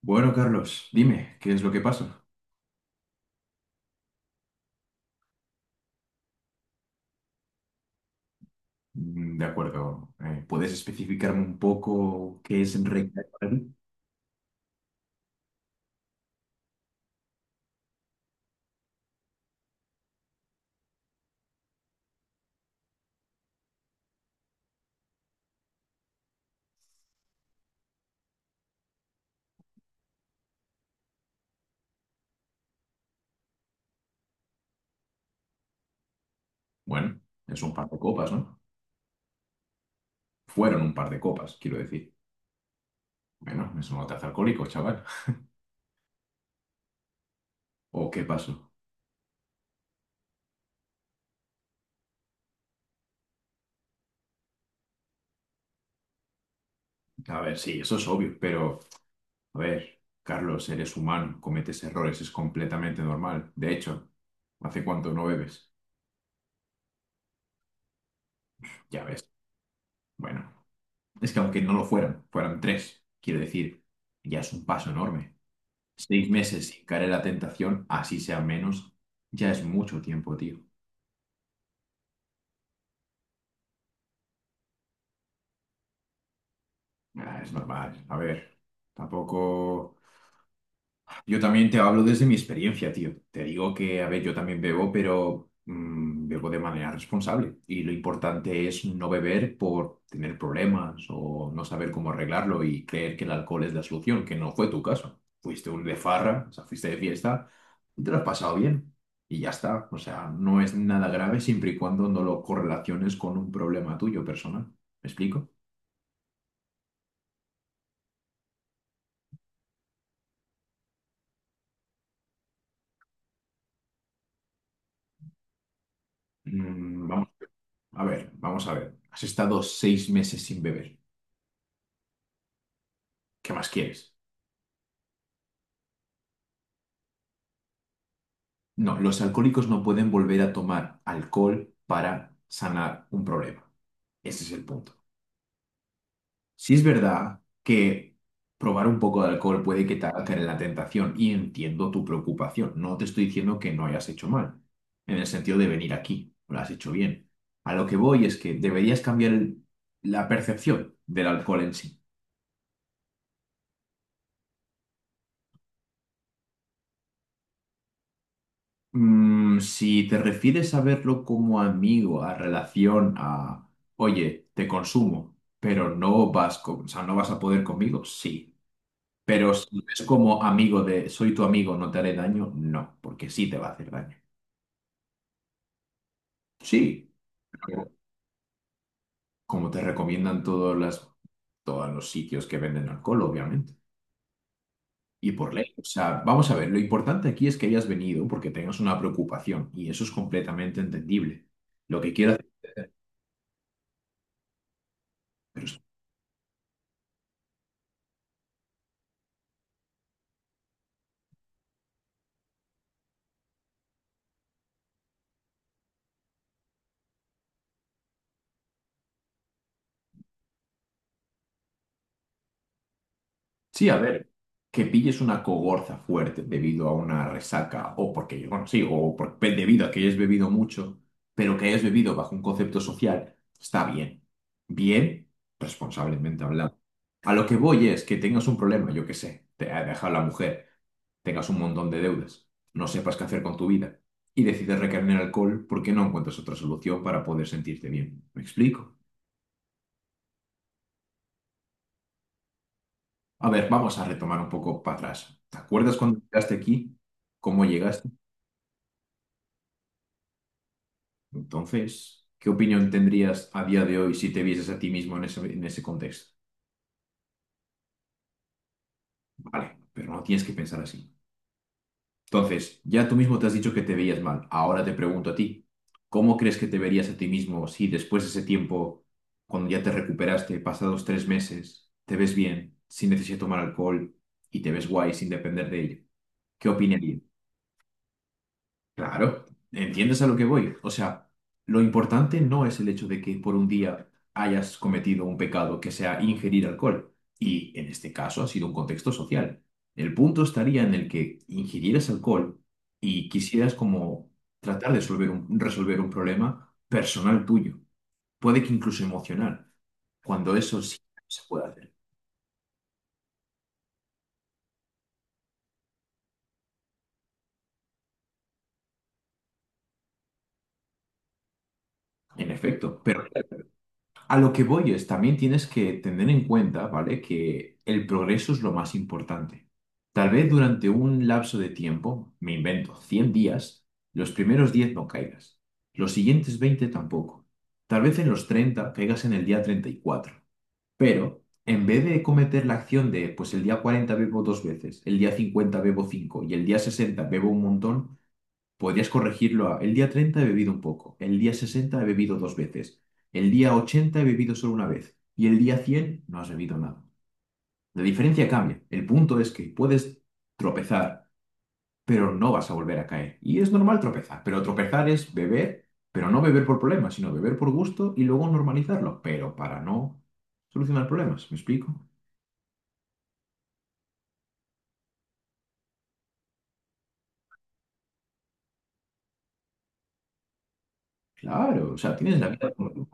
Bueno, Carlos, dime, ¿qué es lo que pasa? ¿Puedes especificarme un poco qué es recrear para ti? Bueno, es un par de copas, ¿no? Fueron un par de copas, quiero decir. Bueno, eso no te hace alcohólico, chaval. ¿O qué pasó? A ver, sí, eso es obvio, pero, a ver, Carlos, eres humano, cometes errores, es completamente normal. De hecho, ¿hace cuánto no bebes? Ya ves. Bueno, es que aunque no lo fueran, fueran tres, quiero decir, ya es un paso enorme. 6 meses sin caer en la tentación, así sea menos, ya es mucho tiempo, tío. Ah, es normal. A ver, tampoco. Yo también te hablo desde mi experiencia, tío. Te digo que, a ver, yo también bebo, pero bebo de manera responsable. Y lo importante es no beber por tener problemas o no saber cómo arreglarlo y creer que el alcohol es la solución, que no fue tu caso. Fuiste un de farra, o sea, fuiste de fiesta y te lo has pasado bien. Y ya está. O sea, no es nada grave siempre y cuando no lo correlaciones con un problema tuyo personal. ¿Me explico? Mm, vamos vamos a ver. Has estado 6 meses sin beber. ¿Qué más quieres? No, los alcohólicos no pueden volver a tomar alcohol para sanar un problema. Ese es el punto. Sí es verdad que probar un poco de alcohol puede que te haga caer en la tentación y entiendo tu preocupación. No te estoy diciendo que no hayas hecho mal, en el sentido de venir aquí, lo has hecho bien. A lo que voy es que deberías cambiar la percepción del alcohol en sí. Si te refieres a verlo como amigo, a relación, a, oye, te consumo, pero no vas o sea, no vas a poder conmigo, sí. Pero si es como amigo de, soy tu amigo, no te haré daño, no, porque sí te va a hacer daño. Sí, pero como te recomiendan todos los sitios que venden alcohol, obviamente. Y por ley. O sea, vamos a ver, lo importante aquí es que hayas venido porque tengas una preocupación y eso es completamente entendible. Lo que quieras, pero. Sí, a ver, que pilles una cogorza fuerte debido a una resaca o porque, bueno, sí, debido a que hayas bebido mucho, pero que hayas bebido bajo un concepto social, está bien. Bien, responsablemente hablando. A lo que voy es que tengas un problema, yo qué sé, te ha dejado la mujer, tengas un montón de deudas, no sepas qué hacer con tu vida y decides recaer en el alcohol porque no encuentras otra solución para poder sentirte bien. ¿Me explico? A ver, vamos a retomar un poco para atrás. ¿Te acuerdas cuando llegaste aquí? ¿Cómo llegaste? Entonces, ¿qué opinión tendrías a día de hoy si te vieses a ti mismo en en ese contexto? Vale, pero no tienes que pensar así. Entonces, ya tú mismo te has dicho que te veías mal. Ahora te pregunto a ti, ¿cómo crees que te verías a ti mismo si después de ese tiempo, cuando ya te recuperaste, pasados 3 meses, te ves bien, sin necesidad de tomar alcohol y te ves guay sin depender de ello? ¿Qué opinarías? Claro, ¿entiendes a lo que voy? O sea, lo importante no es el hecho de que por un día hayas cometido un pecado que sea ingerir alcohol, y en este caso ha sido un contexto social. El punto estaría en el que ingirieras alcohol y quisieras como tratar de resolver un problema personal tuyo, puede que incluso emocional, cuando eso sí se puede hacer. En efecto, pero. A lo que voy es, también tienes que tener en cuenta, ¿vale? Que el progreso es lo más importante. Tal vez durante un lapso de tiempo, me invento, 100 días, los primeros 10 no caigas, los siguientes 20 tampoco. Tal vez en los 30 caigas en el día 34. Pero en vez de cometer la acción de, pues el día 40 bebo dos veces, el día 50 bebo cinco y el día 60 bebo un montón, podrías corregirlo a, el día 30 he bebido un poco, el día 60 he bebido dos veces, el día 80 he bebido solo una vez y el día 100 no has bebido nada. La diferencia cambia. El punto es que puedes tropezar, pero no vas a volver a caer. Y es normal tropezar, pero tropezar es beber, pero no beber por problemas, sino beber por gusto y luego normalizarlo, pero para no solucionar problemas. ¿Me explico? Claro, o sea, tienes la vida, como.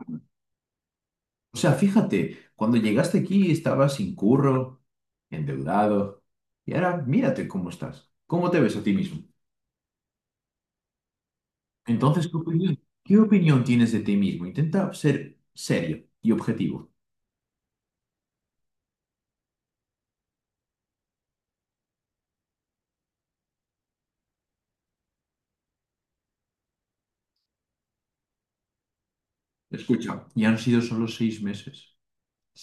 O sea, fíjate, cuando llegaste aquí estabas sin curro, endeudado, y ahora mírate cómo estás, cómo te ves a ti mismo. Entonces, ¿qué opinión tienes de ti mismo? Intenta ser serio y objetivo. Escucha, ya han sido solo 6 meses.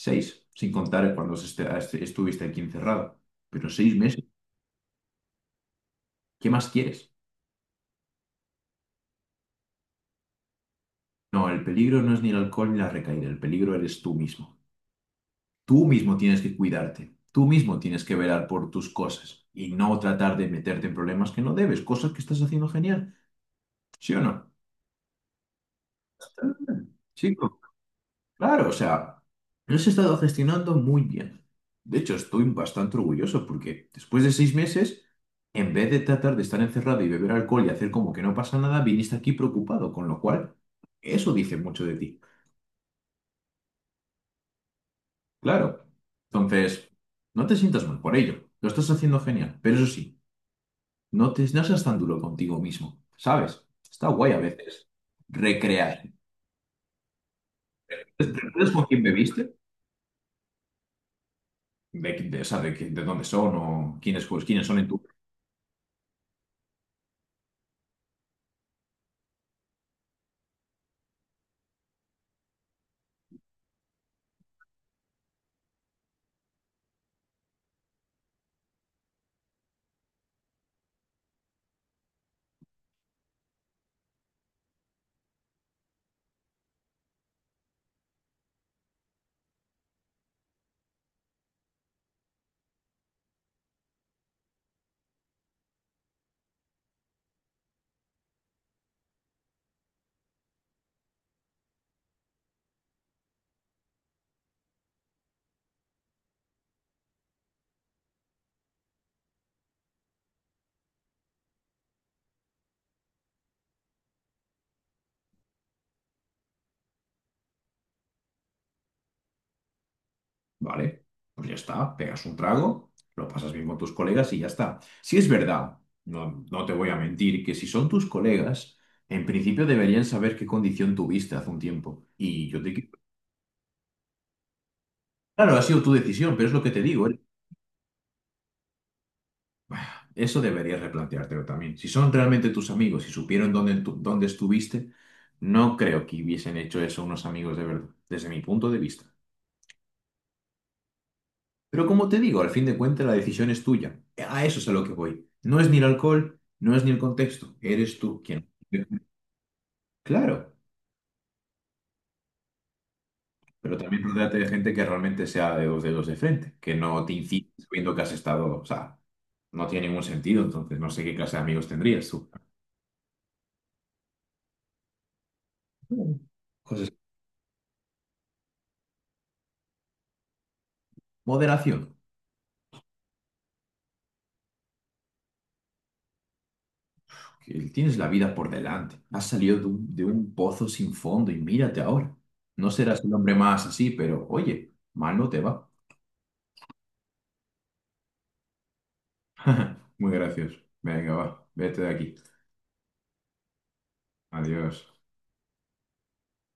6, sin contar cuando estuviste aquí encerrado. Pero 6 meses, ¿qué más quieres? No, el peligro no es ni el alcohol ni la recaída, el peligro eres tú mismo. Tú mismo tienes que cuidarte, tú mismo tienes que velar por tus cosas y no tratar de meterte en problemas que no debes, cosas que estás haciendo genial, ¿sí o no? Está bien, chico, claro, o sea, lo has estado gestionando muy bien. De hecho, estoy bastante orgulloso porque después de 6 meses, en vez de tratar de estar encerrado y beber alcohol y hacer como que no pasa nada, viniste aquí preocupado, con lo cual eso dice mucho de ti. Claro. Entonces, no te sientas mal por ello. Lo estás haciendo genial, pero eso sí. No seas tan duro contigo mismo, ¿sabes? Está guay a veces recrear. ¿Te acuerdas con quién bebiste? De, o sea, de, qué- de dónde son o quiénes, pues, quiénes son en tu... Vale, pues ya está, pegas un trago, lo pasas bien con tus colegas y ya está. Si es verdad, no te voy a mentir, que si son tus colegas, en principio deberían saber qué condición tuviste hace un tiempo. Y yo te... Claro, ha sido tu decisión, pero es lo que te digo. Eso deberías replanteártelo también. Si son realmente tus amigos y supieron dónde estuviste, no creo que hubiesen hecho eso unos amigos de verdad, desde mi punto de vista. Pero como te digo, al fin de cuentas la decisión es tuya. A eso es a lo que voy. No es ni el alcohol, no es ni el contexto. Eres tú quien... Claro, pero también rodeate de gente que realmente sea de dos dedos de frente, que no te incite sabiendo que has estado... O sea, no tiene ningún sentido, entonces no sé qué clase de amigos tendrías tú. Cosas- Moderación. Que tienes la vida por delante. Has salido de un pozo sin fondo y mírate ahora. No serás el hombre más así, pero oye, mal no te va. Muy gracioso. Venga, va, vete de aquí. Adiós.